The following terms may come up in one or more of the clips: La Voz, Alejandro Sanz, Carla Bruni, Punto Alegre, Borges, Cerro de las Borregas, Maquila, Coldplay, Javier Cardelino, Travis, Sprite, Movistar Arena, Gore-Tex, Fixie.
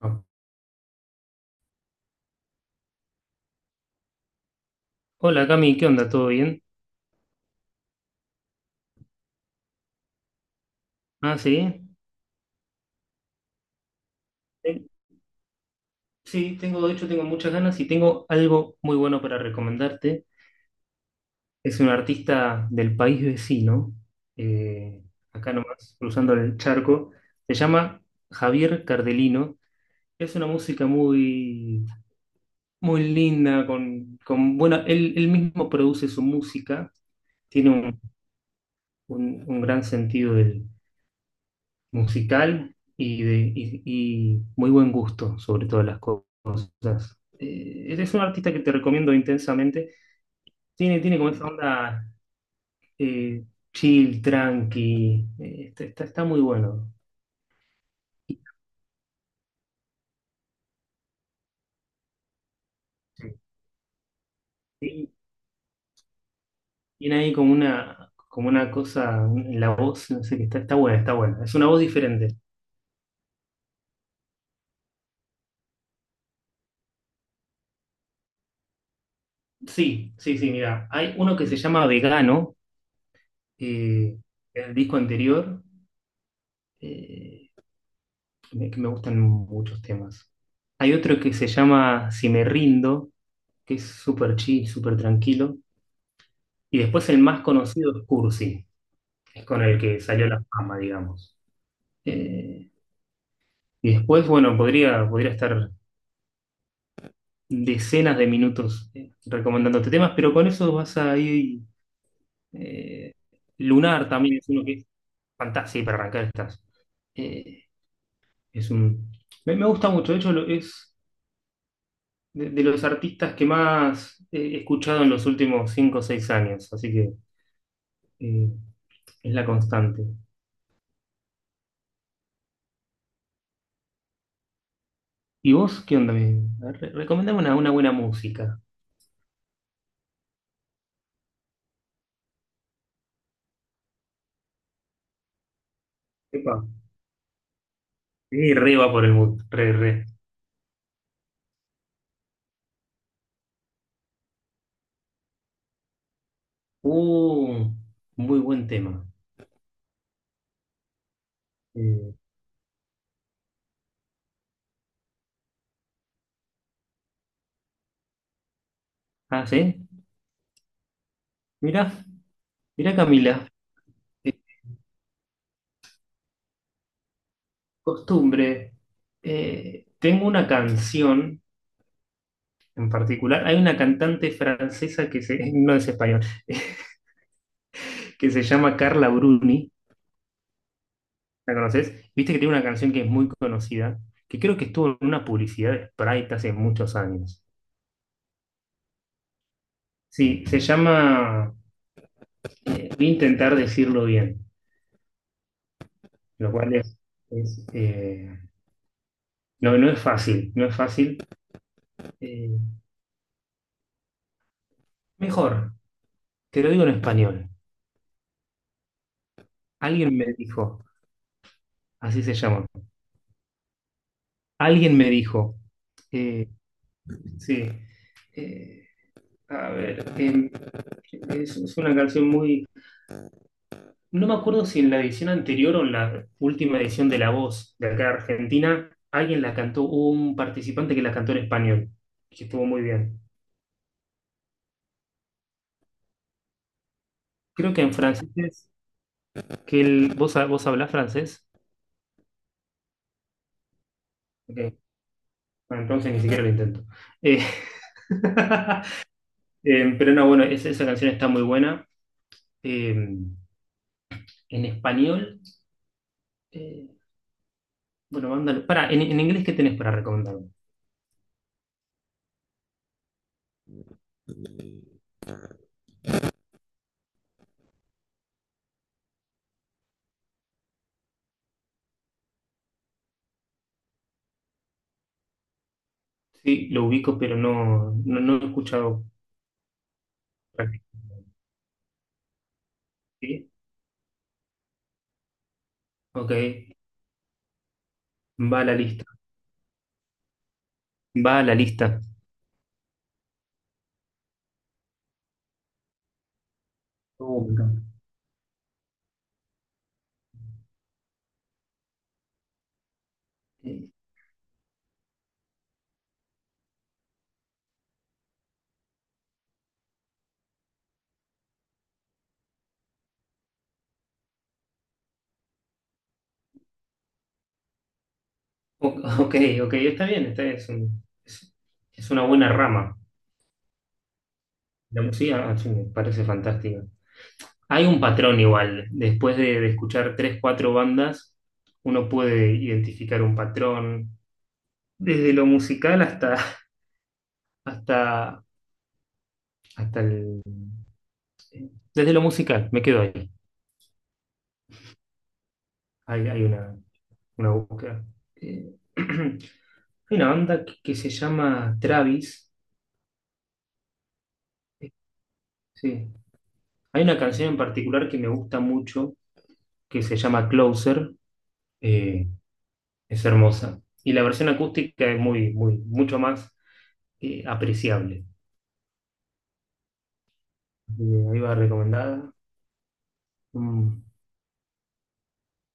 Ah. Hola Cami, ¿qué onda? ¿Todo bien? Ah, sí. Eh, Sí, tengo, de hecho tengo muchas ganas y tengo algo muy bueno para recomendarte. Es un artista del país vecino, eh, acá nomás, cruzando el charco. Se llama Javier Cardelino. Es una música muy, muy linda, con bueno, él mismo produce su música, tiene un, un gran sentido del musical y, de, y muy buen gusto sobre todas las cosas. Es un artista que te recomiendo intensamente. Tiene, tiene como esa onda eh, chill, tranqui. Está muy bueno. Sí. Y tiene ahí como una cosa en la voz, no sé, que está, está buena, está buena. Es una voz diferente. Sí, sí, sí, mira. Hay uno que se llama Vegano, eh, en el disco anterior, eh, que me gustan muchos temas. Hay otro que se llama Si me rindo, que es súper chill, súper tranquilo. Y después el más conocido es Cursi, que es con el que salió la fama, digamos. Eh, y después, bueno, podría estar decenas de minutos recomendándote temas, pero con eso vas a ir... eh, Lunar también es uno que es fantástico para arrancar estas. eh, es un, me gusta mucho, de hecho es de los artistas que más he escuchado en los últimos 5 o 6 años, así que eh, es la constante. ¿Y vos qué onda? Me, a ver, recomendame una buena música. Epa, sí, re va por el mood, re, re. Uh, muy buen tema. Eh, ah, ¿sí? Mira, mira Camila, eh, costumbre. Tengo una canción en particular, hay una cantante francesa que se, no es español, que se llama Carla Bruni, ¿la conoces? Viste que tiene una canción que es muy conocida, que creo que estuvo en una publicidad de Sprite hace muchos años. Sí, se llama, voy a intentar decirlo bien. Lo cual es, no, no es fácil, no es fácil. Eh, Mejor, te lo digo en español. Alguien me dijo, así se llama, alguien me dijo, eh, sí, eh, a ver, es una canción muy... No me acuerdo si en la edición anterior o en la última edición de La Voz de acá de Argentina, alguien la cantó, hubo un participante que la cantó en español, que estuvo muy bien. Creo que en francés, ¿vos, vos hablás francés? Ok. Bueno, entonces ni siquiera lo intento. Eh, eh, pero no, bueno, esa canción está muy buena. Eh, en español, eh, bueno, mándalo Para, en inglés, ¿qué tenés para recomendarme? Sí, lo ubico, pero no, no, no lo he escuchado prácticamente. ¿Sí? Ok, va a la lista. Va a la lista. Oh, me encanta. Eh, o- ok, ok, está bien, Es, es una buena rama. La música, ah, sí, me parece fantástica. Hay un patrón igual. Después de escuchar tres, cuatro bandas, uno puede identificar un patrón. Desde lo musical hasta, hasta, hasta el... Desde lo musical, me quedo ahí. Hay una búsqueda. Hay una banda que se llama Travis. Sí. Hay una canción en particular que me gusta mucho, que se llama Closer. Eh, es hermosa. Y la versión acústica es muy, muy, mucho más apreciable. Ahí va recomendada. Mm.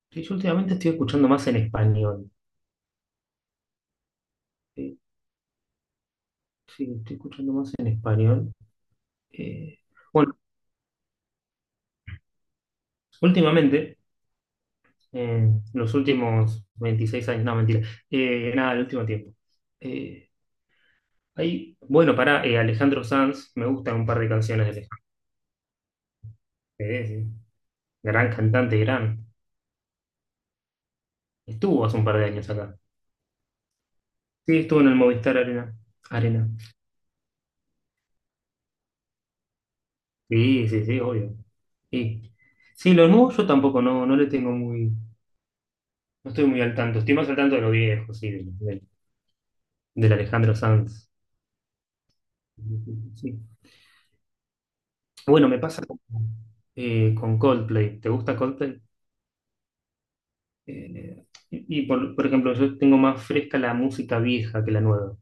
Sí, yo últimamente estoy escuchando más en español. Sí, sí, estoy escuchando más en español. Eh, bueno, últimamente, eh, los últimos 26 años, no, mentira. Nada, el último tiempo. Eh, Hay, bueno, para Alejandro Sanz, me gustan un par de canciones de Alejandro. Sí. Gran cantante, gran. Estuvo hace un par de años acá. Sí, estuvo en el Movistar Arena. Sí, sí, sí, obvio. Sí, sí, lo nuevo yo tampoco no, no le tengo muy. No estoy muy al tanto, estoy más al tanto de lo viejo, sí, del Alejandro Sanz. Sí. Bueno, me pasa con Coldplay. ¿Te gusta Coldplay? Y por ejemplo, yo tengo más fresca la música vieja que la nueva.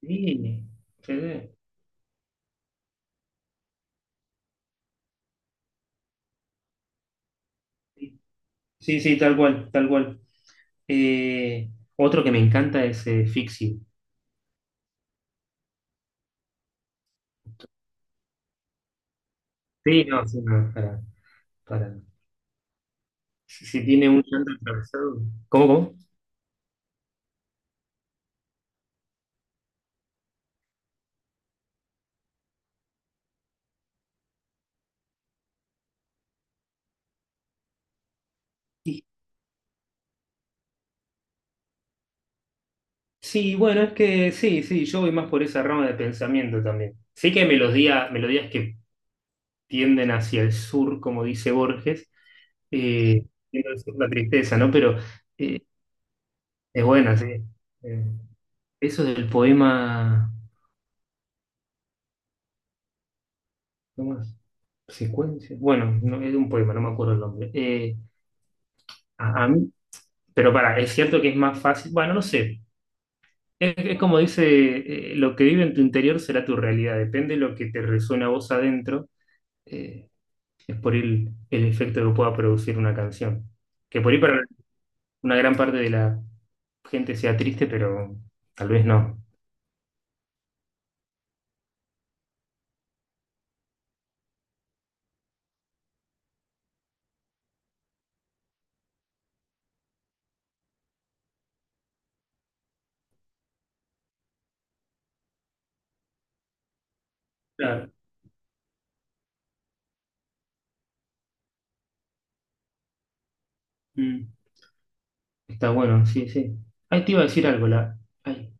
Sí, sí, sí, Sí, sí, tal cual, tal cual. Eh, Otro que me encanta es Fixie. Sí, no, sí, no, para, para. Si, si tiene un llanto atravesado. ¿Cómo, cómo? Sí, bueno, es que sí, sí, yo voy más por esa rama de pensamiento también. Sí que hay melodía, melodías que tienden hacia el sur, como dice Borges, eh, tienden al sur la tristeza, ¿no? Pero eh, es buena, sí. Eh, Eso del poema, ¿cómo es? Secuencia. Bueno, no, es de un poema, no me acuerdo el nombre. A, a mí, pero para, es cierto que es más fácil, bueno, no sé. Es como dice, lo que vive en tu interior será tu realidad, depende de lo que te resuena a vos adentro. eh, Es por el efecto que pueda producir una canción. Que por ahí para una gran parte de la gente sea triste, pero tal vez no. Claro. Mm. Está bueno, sí, sí. Ahí te iba a decir algo, la... Ay,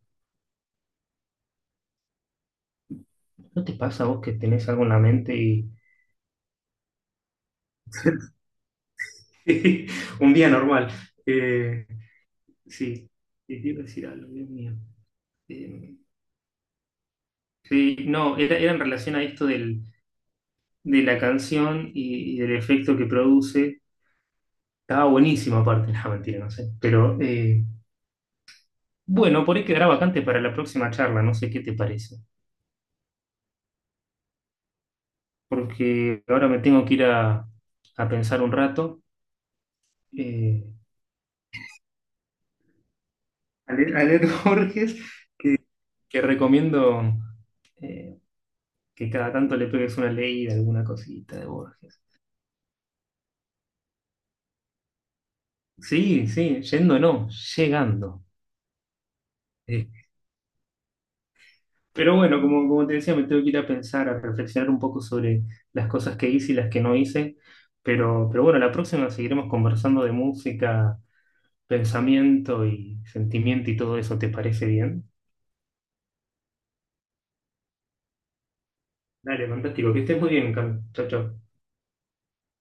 ¿no te pasa a vos que tenés algo en la mente y... Un día normal. Eh, sí, Sí, te iba a decir algo, Dios mío. Eh, sí, no, era, era en relación a esto del, de la canción y del efecto que produce. Estaba buenísimo aparte, no, mentira, no sé. Pero bueno, por ahí quedará vacante para la próxima charla, no sé qué te parece, porque ahora me tengo que ir a pensar un rato, eh, a leer Borges, que recomiendo eh, que cada tanto le pegues una leída, alguna cosita de Borges. Sí, sí, yendo no, llegando. Eh, pero bueno, como, como te decía, me tengo que ir a pensar, a reflexionar un poco sobre las cosas que hice y las que no hice, pero bueno, la próxima seguiremos conversando de música pensamiento y sentimiento y todo eso, ¿te parece bien? Dale, fantástico, que estés muy bien, Cam. Chao, chao.